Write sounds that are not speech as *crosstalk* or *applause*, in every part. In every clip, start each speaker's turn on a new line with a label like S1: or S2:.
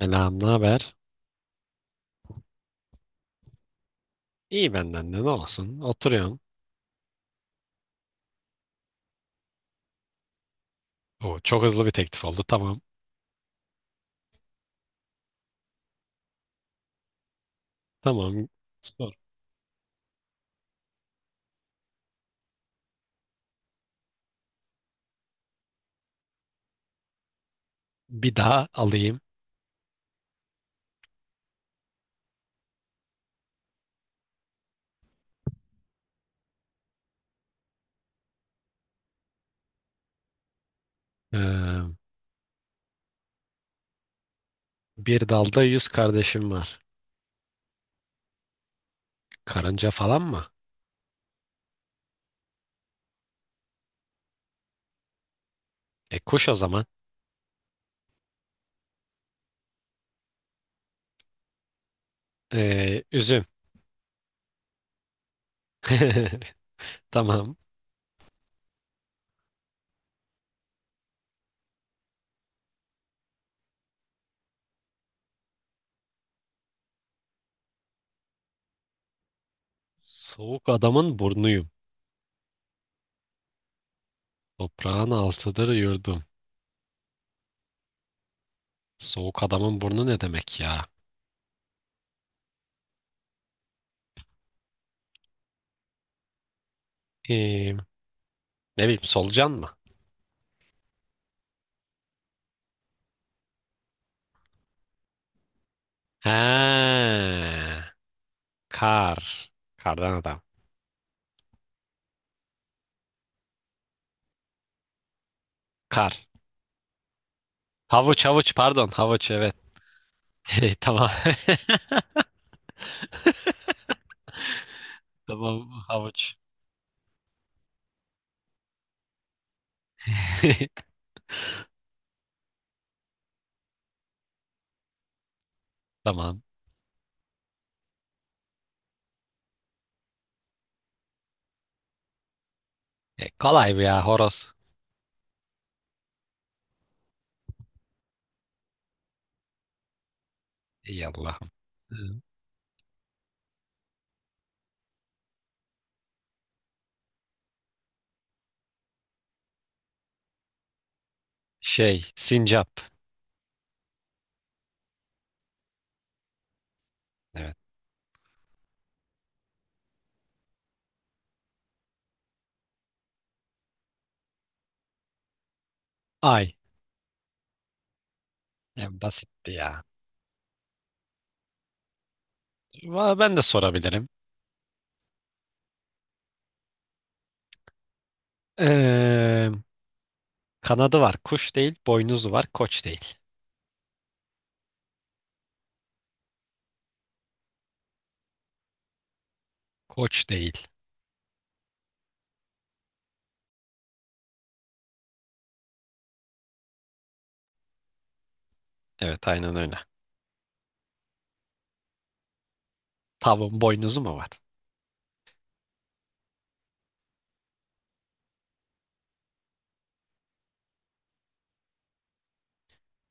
S1: Selam, ne haber? İyi benden de ne olsun? Oturuyorum. Oo, çok hızlı bir teklif oldu. Tamam. Tamam. Sor. Bir daha alayım. Ee, bir dalda yüz kardeşim var. Karınca falan mı? E kuş o zaman. Üzüm. *laughs* Tamam. Soğuk adamın burnuyum. Toprağın altıdır yurdum. Soğuk adamın burnu ne demek ya? Ee, ne bileyim solucan mı? He, kar. Kardan adam. Kar. Havuç havuç pardon havuç evet. *laughs* Tamam. *laughs* Tamam havuç. *laughs* Tamam. E, kolay bu ya horoz. İyi Allah'ım. Şey sincap. Evet. Ay. E, basitti ya. Ben de sorabilirim. Ee, kanadı var kuş değil. Boynuzu var koç değil. Koç değil. Evet aynen öyle. Tavuğun boynuzu mu var?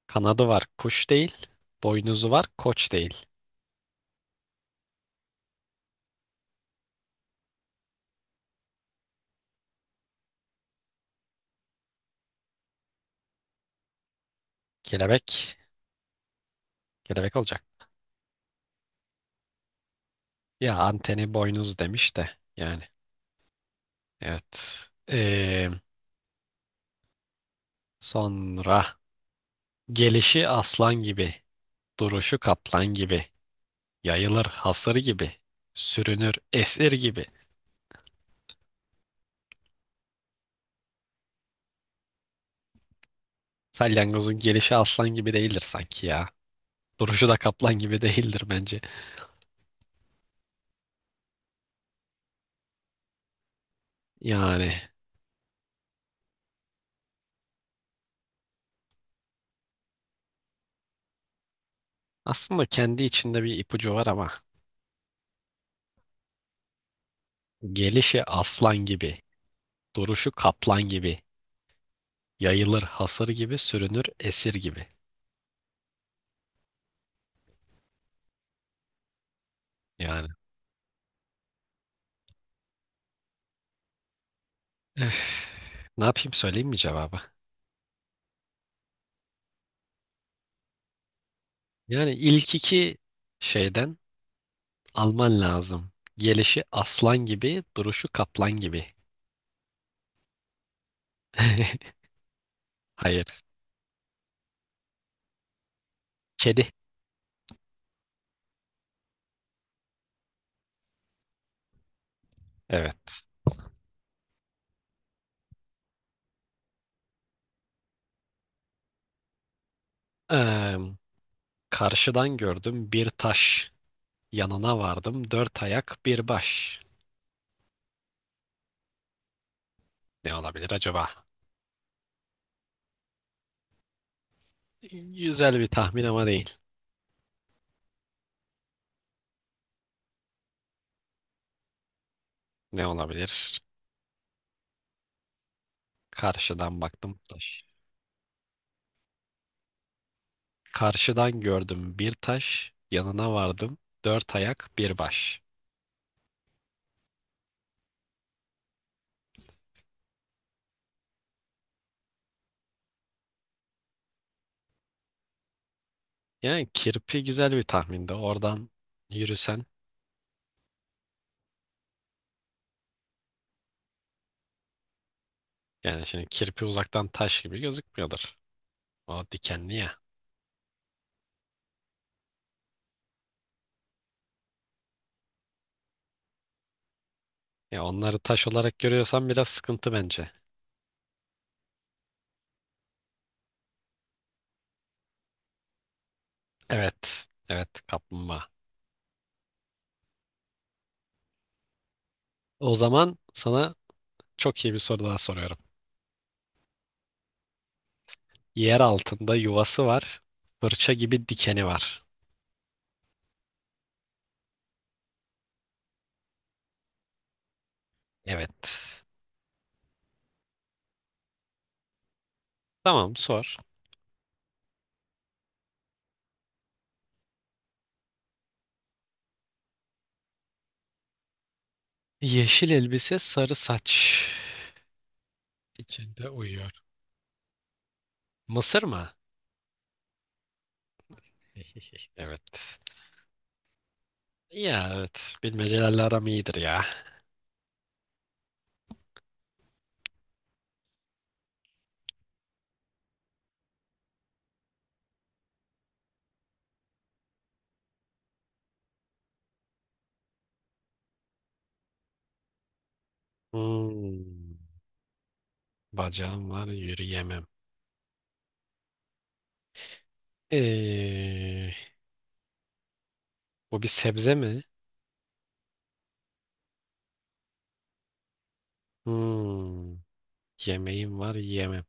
S1: Kanadı var kuş değil. Boynuzu var koç değil. Kelebek. Kelebek olacak. Ya anteni boynuz demiş de yani evet. Ee, sonra gelişi aslan gibi, duruşu kaplan gibi, yayılır hasır gibi, sürünür esir gibi. Salyangozun gelişi aslan gibi değildir sanki ya. Duruşu da kaplan gibi değildir bence. Yani aslında kendi içinde bir ipucu var ama gelişi aslan gibi, duruşu kaplan gibi, yayılır hasır gibi, sürünür esir gibi. Yani ne yapayım söyleyeyim mi cevabı? Yani ilk iki şeyden alman lazım. Gelişi aslan gibi, duruşu kaplan gibi. *laughs* Hayır, kedi. Evet. Eee, karşıdan gördüm bir taş. Yanına vardım dört ayak bir baş. Ne olabilir acaba? Güzel bir tahmin ama değil. Ne olabilir? Karşıdan baktım taş. Karşıdan gördüm bir taş. Yanına vardım dört ayak bir baş. Yani kirpi güzel bir tahminde. Oradan yürüsen. Yani şimdi kirpi uzaktan taş gibi gözükmüyordur. O dikenli ya. Ya onları taş olarak görüyorsan biraz sıkıntı bence. Evet. Evet kaplumbağa. O zaman sana çok iyi bir soru daha soruyorum. Yer altında yuvası var. Fırça gibi dikeni var. Evet. Tamam sor. Yeşil elbise sarı saç. İçinde uyuyor. Mısır mı? *laughs* Evet. Ya evet. Bilmecelerle aram iyidir ya. Hmm. Bacağım var yürüyemem. Ee, bu bir sebze mi? Hmm, yemeğim var yemem.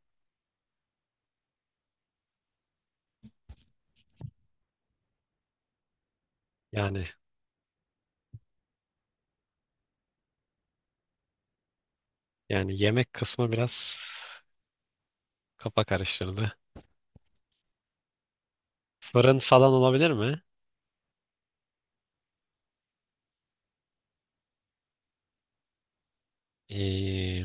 S1: Yani yani yemek kısmı biraz kafa karıştırdı. Fırın falan olabilir mi? Ee,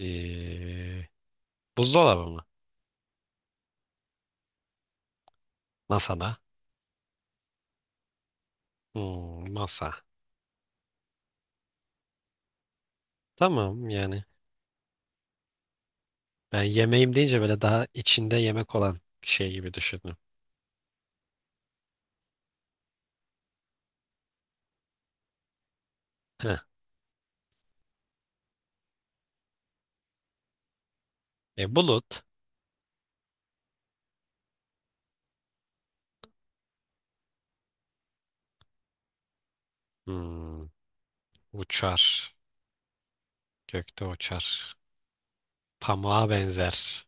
S1: ee, buzdolabı mı? Masada. Hmm, masa. Tamam yani. Ben yemeğim deyince böyle daha içinde yemek olan şey gibi düşündüm. Heh. E, bulut. Hmm, uçar. Gökte uçar. Pamuğa benzer.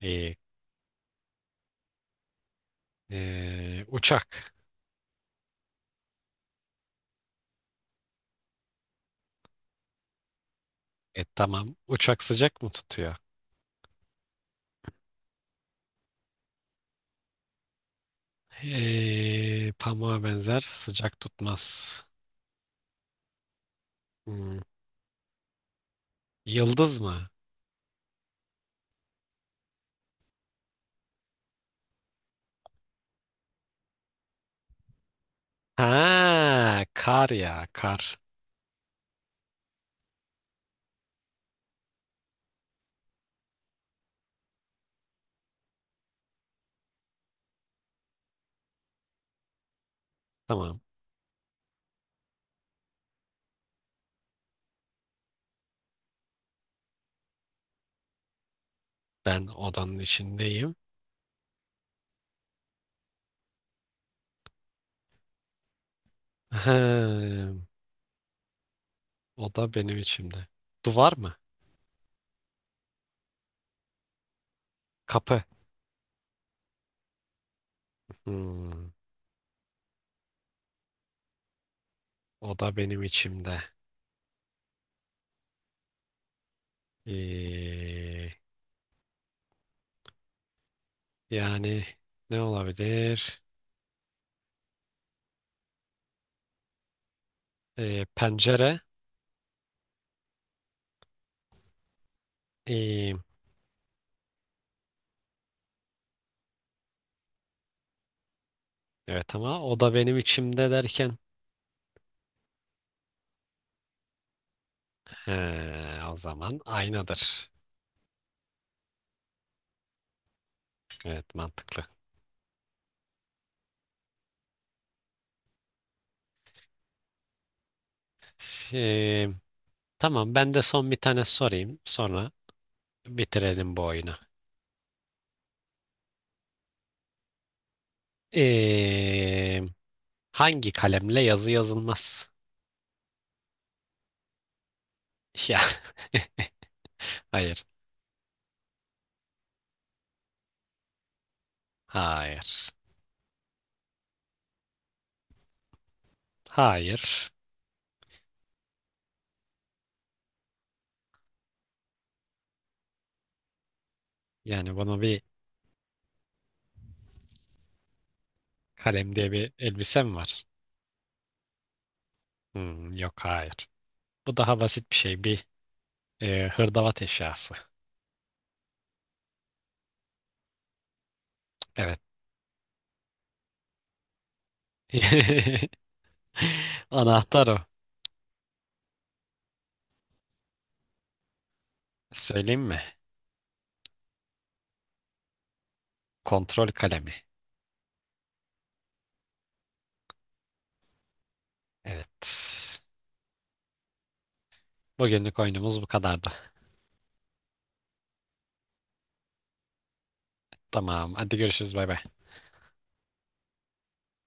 S1: Ee, uçak. E tamam. Uçak sıcak mı tutuyor? Pamuğa benzer sıcak tutmaz. Hmm, yıldız mı? Ha, kar ya kar. Tamam. Ben odanın içindeyim. Ha, oda benim içimde. Duvar mı? Kapı. Hmm, oda benim içimde. Eee, yani ne olabilir? Pencere. Eee, evet ama oda benim içimde derken. He, o zaman aynadır. Evet mantıklı. Şey, tamam ben de son bir tane sorayım. Sonra bitirelim bu oyunu. Ee, hangi kalemle yazı yazılmaz? Ya *laughs* hayır. Hayır. Hayır. Yani bunu bir kalem diye bir elbisem var. Hmm, yok hayır. Bu daha basit bir şey. Hırdavat eşyası. Evet. *laughs* Anahtar o. Söyleyeyim mi? Kontrol kalemi. Evet. Bugünlük oyunumuz bu kadardı. Tamam. Hadi görüşürüz. Bay bay.